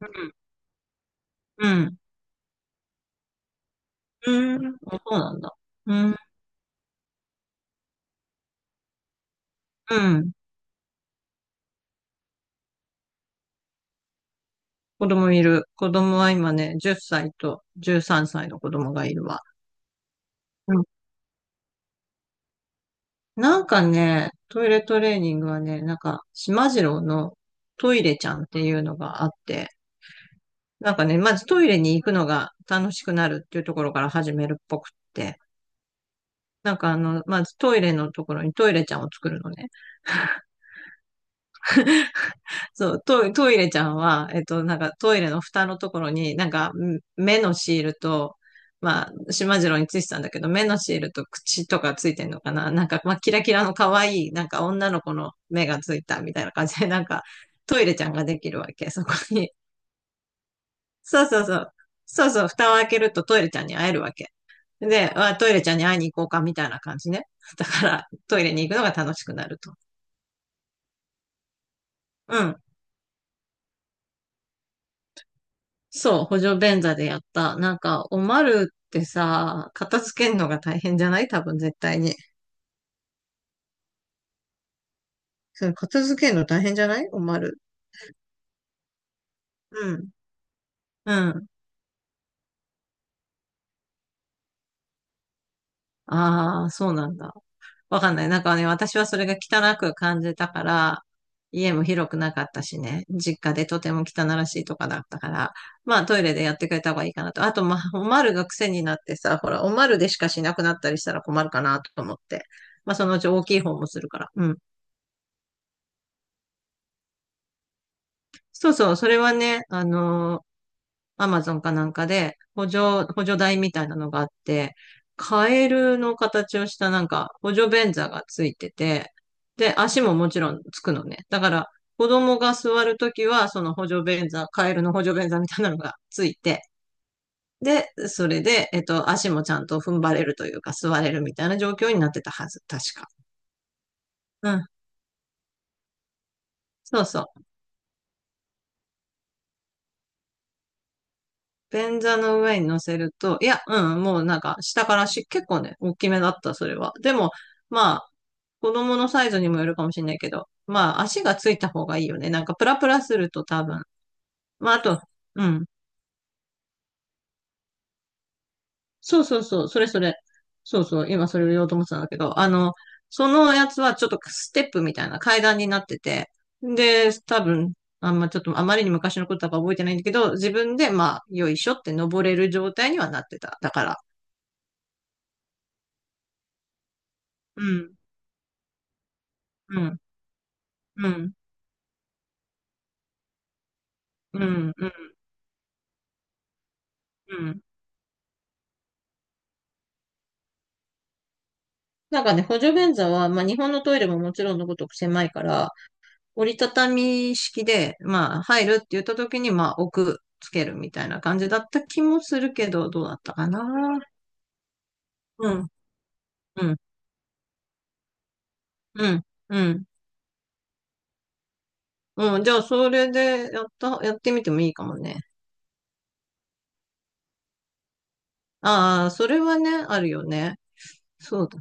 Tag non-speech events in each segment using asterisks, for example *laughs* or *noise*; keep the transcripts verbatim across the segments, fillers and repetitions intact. うん。うん。うん。あ、そうなんだ。うん。うん。子供いる。子供は今ね、じゅっさいとじゅうさんさいの子供がいるわ。うん。なんかね、トイレトレーニングはね、なんか、しまじろうのトイレちゃんっていうのがあって、なんかね、まずトイレに行くのが楽しくなるっていうところから始めるっぽくって、なんかあの、まずトイレのところにトイレちゃんを作るのね。そう、トイ、トイレちゃんは、えっと、なんかトイレの蓋のところに、なんかん目のシールと、まあ、しまじろうについてたんだけど、目のシールと口とかついてんのかななんか、まあ、キラキラの可愛い、なんか女の子の目がついたみたいな感じで、*laughs* なんか、トイレちゃんができるわけ、そこに。そうそうそう。そうそう、蓋を開けるとトイレちゃんに会えるわけ。で、あ、トイレちゃんに会いに行こうか、みたいな感じね。だから、トイレに行くのが楽しくなると。うん。そう、補助便座でやった。なんか、おまるってさ、片付けるのが大変じゃない、多分絶対に。それ片付けるの大変じゃない、おまる。うん。うん。ああ、そうなんだ。わかんない。なんかね、私はそれが汚く感じたから、家も広くなかったしね、実家でとても汚らしいとかだったから、まあトイレでやってくれた方がいいかなと。あと、まあ、おまるが癖になってさ、ほら、おまるでしかしなくなったりしたら困るかなと思って。まあ、そのうち大きい方もするから。うん。そうそう、それはね、あのー、アマゾンかなんかで、補助、補助台みたいなのがあって、カエルの形をしたなんか補助便座がついてて、で、足ももちろんつくのね。だから、子供が座るときは、その補助便座、カエルの補助便座みたいなのがついて、で、それで、えっと、足もちゃんと踏ん張れるというか、座れるみたいな状況になってたはず、確か。うん。そうそう。便座の上に乗せると、いや、うん、もうなんか下からし、結構ね、大きめだった、それは。でも、まあ、子供のサイズにもよるかもしれないけど、まあ、足がついた方がいいよね。なんか、プラプラすると多分。まあ、あと、うん。そうそうそう、それそれ。そうそう、今それを言おうと思ってたんだけど、あの、そのやつはちょっとステップみたいな階段になってて、で、多分、あんまちょっとあまりに昔のことだから覚えてないんだけど、自分でまあ、よいしょって登れる状態にはなってた。だから。うん。うん。うん、うん、うん、うん。なんかね、補助便座は、まあ、日本のトイレももちろんのごとく狭いから、折りたたみ式で、まあ、入るって言った時に、まあ、置く、つけるみたいな感じだった気もするけど、どうだったかな。うん、うん、うん、うん。うん、じゃあ、それでやった、やってみてもいいかもね。ああ、それはね、あるよね。そうだ、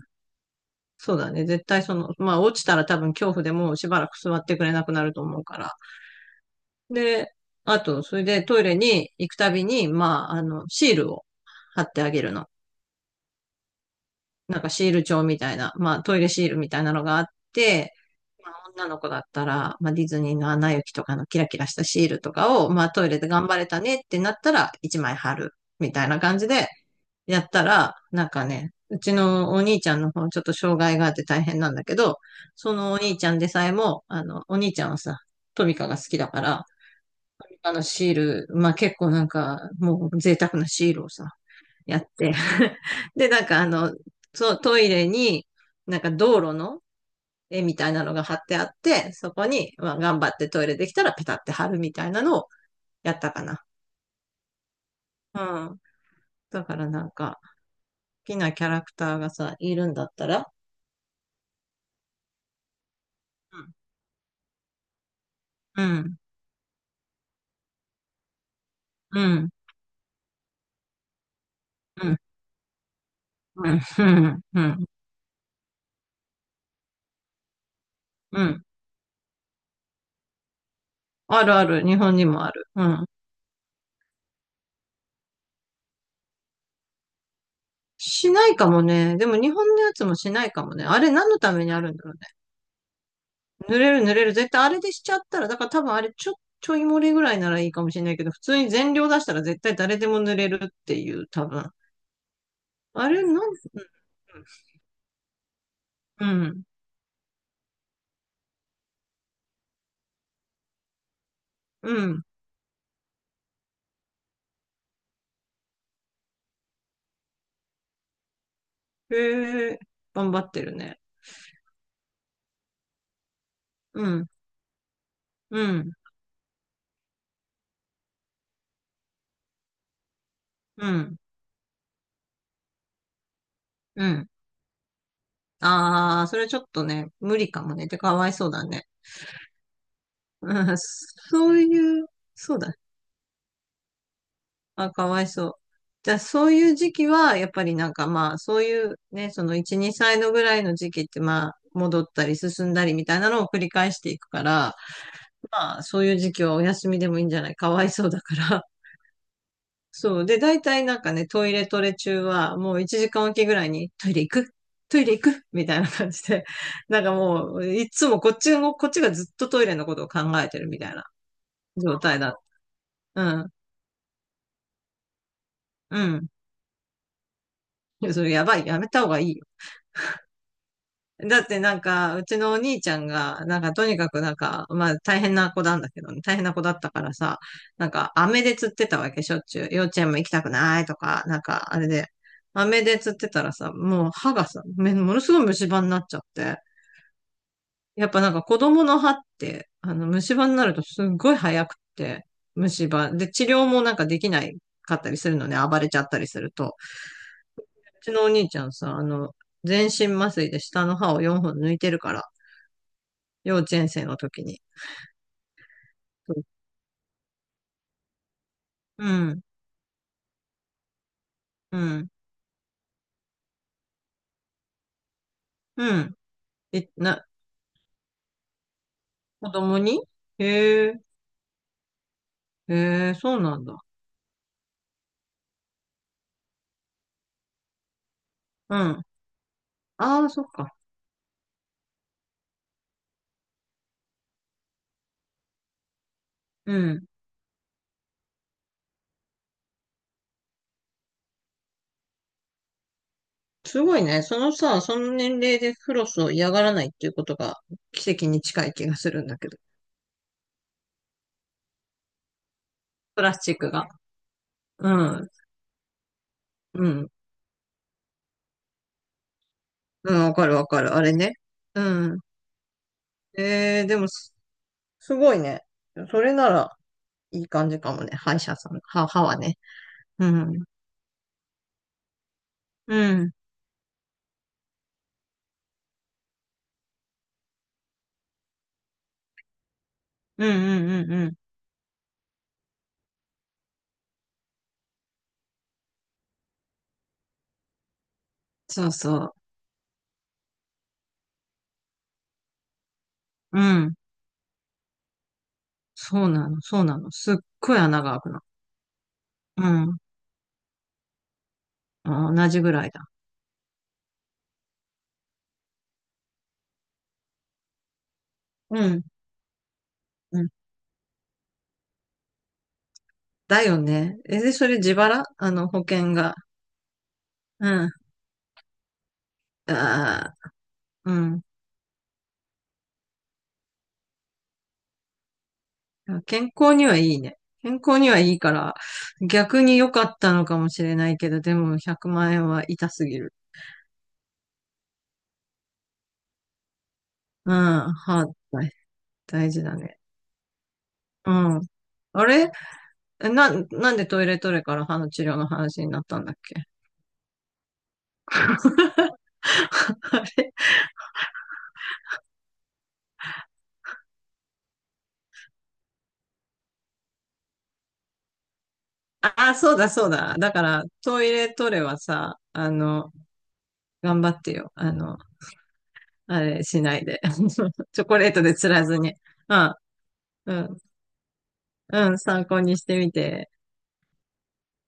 そうだね。絶対その、まあ、落ちたら多分恐怖でもうしばらく座ってくれなくなると思うから。で、あと、それでトイレに行くたびに、まあ、あの、シールを貼ってあげるの。なんかシール帳みたいな、まあ、トイレシールみたいなのがあって、まあ、女の子だったら、まあ、ディズニーのアナ雪とかのキラキラしたシールとかを、まあ、トイレで頑張れたねってなったら、いちまい貼る、みたいな感じで、やったら、なんかね、うちのお兄ちゃんの方、ちょっと障害があって大変なんだけど、そのお兄ちゃんでさえも、あの、お兄ちゃんはさ、トミカが好きだから、あのシール、まあ結構なんか、もう贅沢なシールをさ、やって。*laughs* で、なんかあの、そう、トイレに、なんか道路の絵みたいなのが貼ってあって、そこに、まあ頑張ってトイレできたらペタって貼るみたいなのをやったかな。うん。だからなんか、好きなキャラクターがさ、いるんだったら、うん、うん、うん、うん、うん、うん、うん。あるある、日本にもある。うん。しないかもね。でも日本のやつもしないかもね。あれ何のためにあるんだろうね。濡れる、濡れる。絶対あれでしちゃったら、だから多分あれちょ、ちょい漏れぐらいならいいかもしれないけど、普通に全量出したら絶対誰でも濡れるっていう、多分。あれなん、うん、うん。へえ、頑張ってるね。うん、うん、うん、うん。ああ、それちょっとね、無理かもね。てかわいそうだね。うん、そういう、そうだね。あ、かわいそう。じゃあ、そういう時期は、やっぱりなんかまあ、そういうね、そのいち、にさいのぐらいの時期ってまあ、戻ったり進んだりみたいなのを繰り返していくから、まあ、そういう時期はお休みでもいいんじゃない、かわいそうだから。*laughs* そう。で、大体なんかね、トイレトレ中は、もういちじかんおきぐらいに、トイレ行くトイレ行くみたいな感じで、*laughs* なんかもう、いつもこっちも、こっちがずっとトイレのことを考えてるみたいな状態だ。うん。うん。いや、それやばい。やめた方がいい。だってなんか、うちのお兄ちゃんが、なんかとにかくなんか、まあ大変な子なんだけどね、大変な子だったからさ、なんか飴で釣ってたわけ、しょっちゅう。幼稚園も行きたくないとか、なんかあれで、飴で釣ってたらさ、もう歯がさ、めものすごい虫歯になっちゃって。やっぱなんか子供の歯って、あの虫歯になるとすっごい早くって、虫歯。で、治療もなんかできないかったりするのね、暴れちゃったりすると。うちのお兄ちゃんさ、あの、全身麻酔で下の歯をよんほん抜いてるから、幼稚園生の時に。うん、うん、うん。え、な、子供に。へえ、へえ、そうなんだ。うん。ああ、そっか。うん。すごいね。そのさ、その年齢でフロスを嫌がらないっていうことが奇跡に近い気がするんだけど。プラスチックが。うん、うん、うん、わかるわかる。あれね。うん。えー、でもす、すごいね。それなら、いい感じかもね。歯医者さん、歯、歯はね。うん。うん。うん、うん、うん、うん。そうそう。うん。そうなの、そうなの。すっごい穴が開くの。うん。あ、同じぐらいだ。うん。うん。だよね。え、で、それ自腹、あの、保険が。うん。ああ、うん。健康にはいいね。健康にはいいから、逆に良かったのかもしれないけど、でもひゃくまん円は痛すぎる。うん。歯、大大事だね。うん。あれえな、なんでトイレトレから歯の治療の話になったんだっけ？ *laughs* あれ、ああ、そうだそうだ。だから、トイレトレはさ、あの、頑張ってよ。あの、あれしないで。*laughs* チョコレートで釣らずに。うん、うん、うん、参考にしてみて。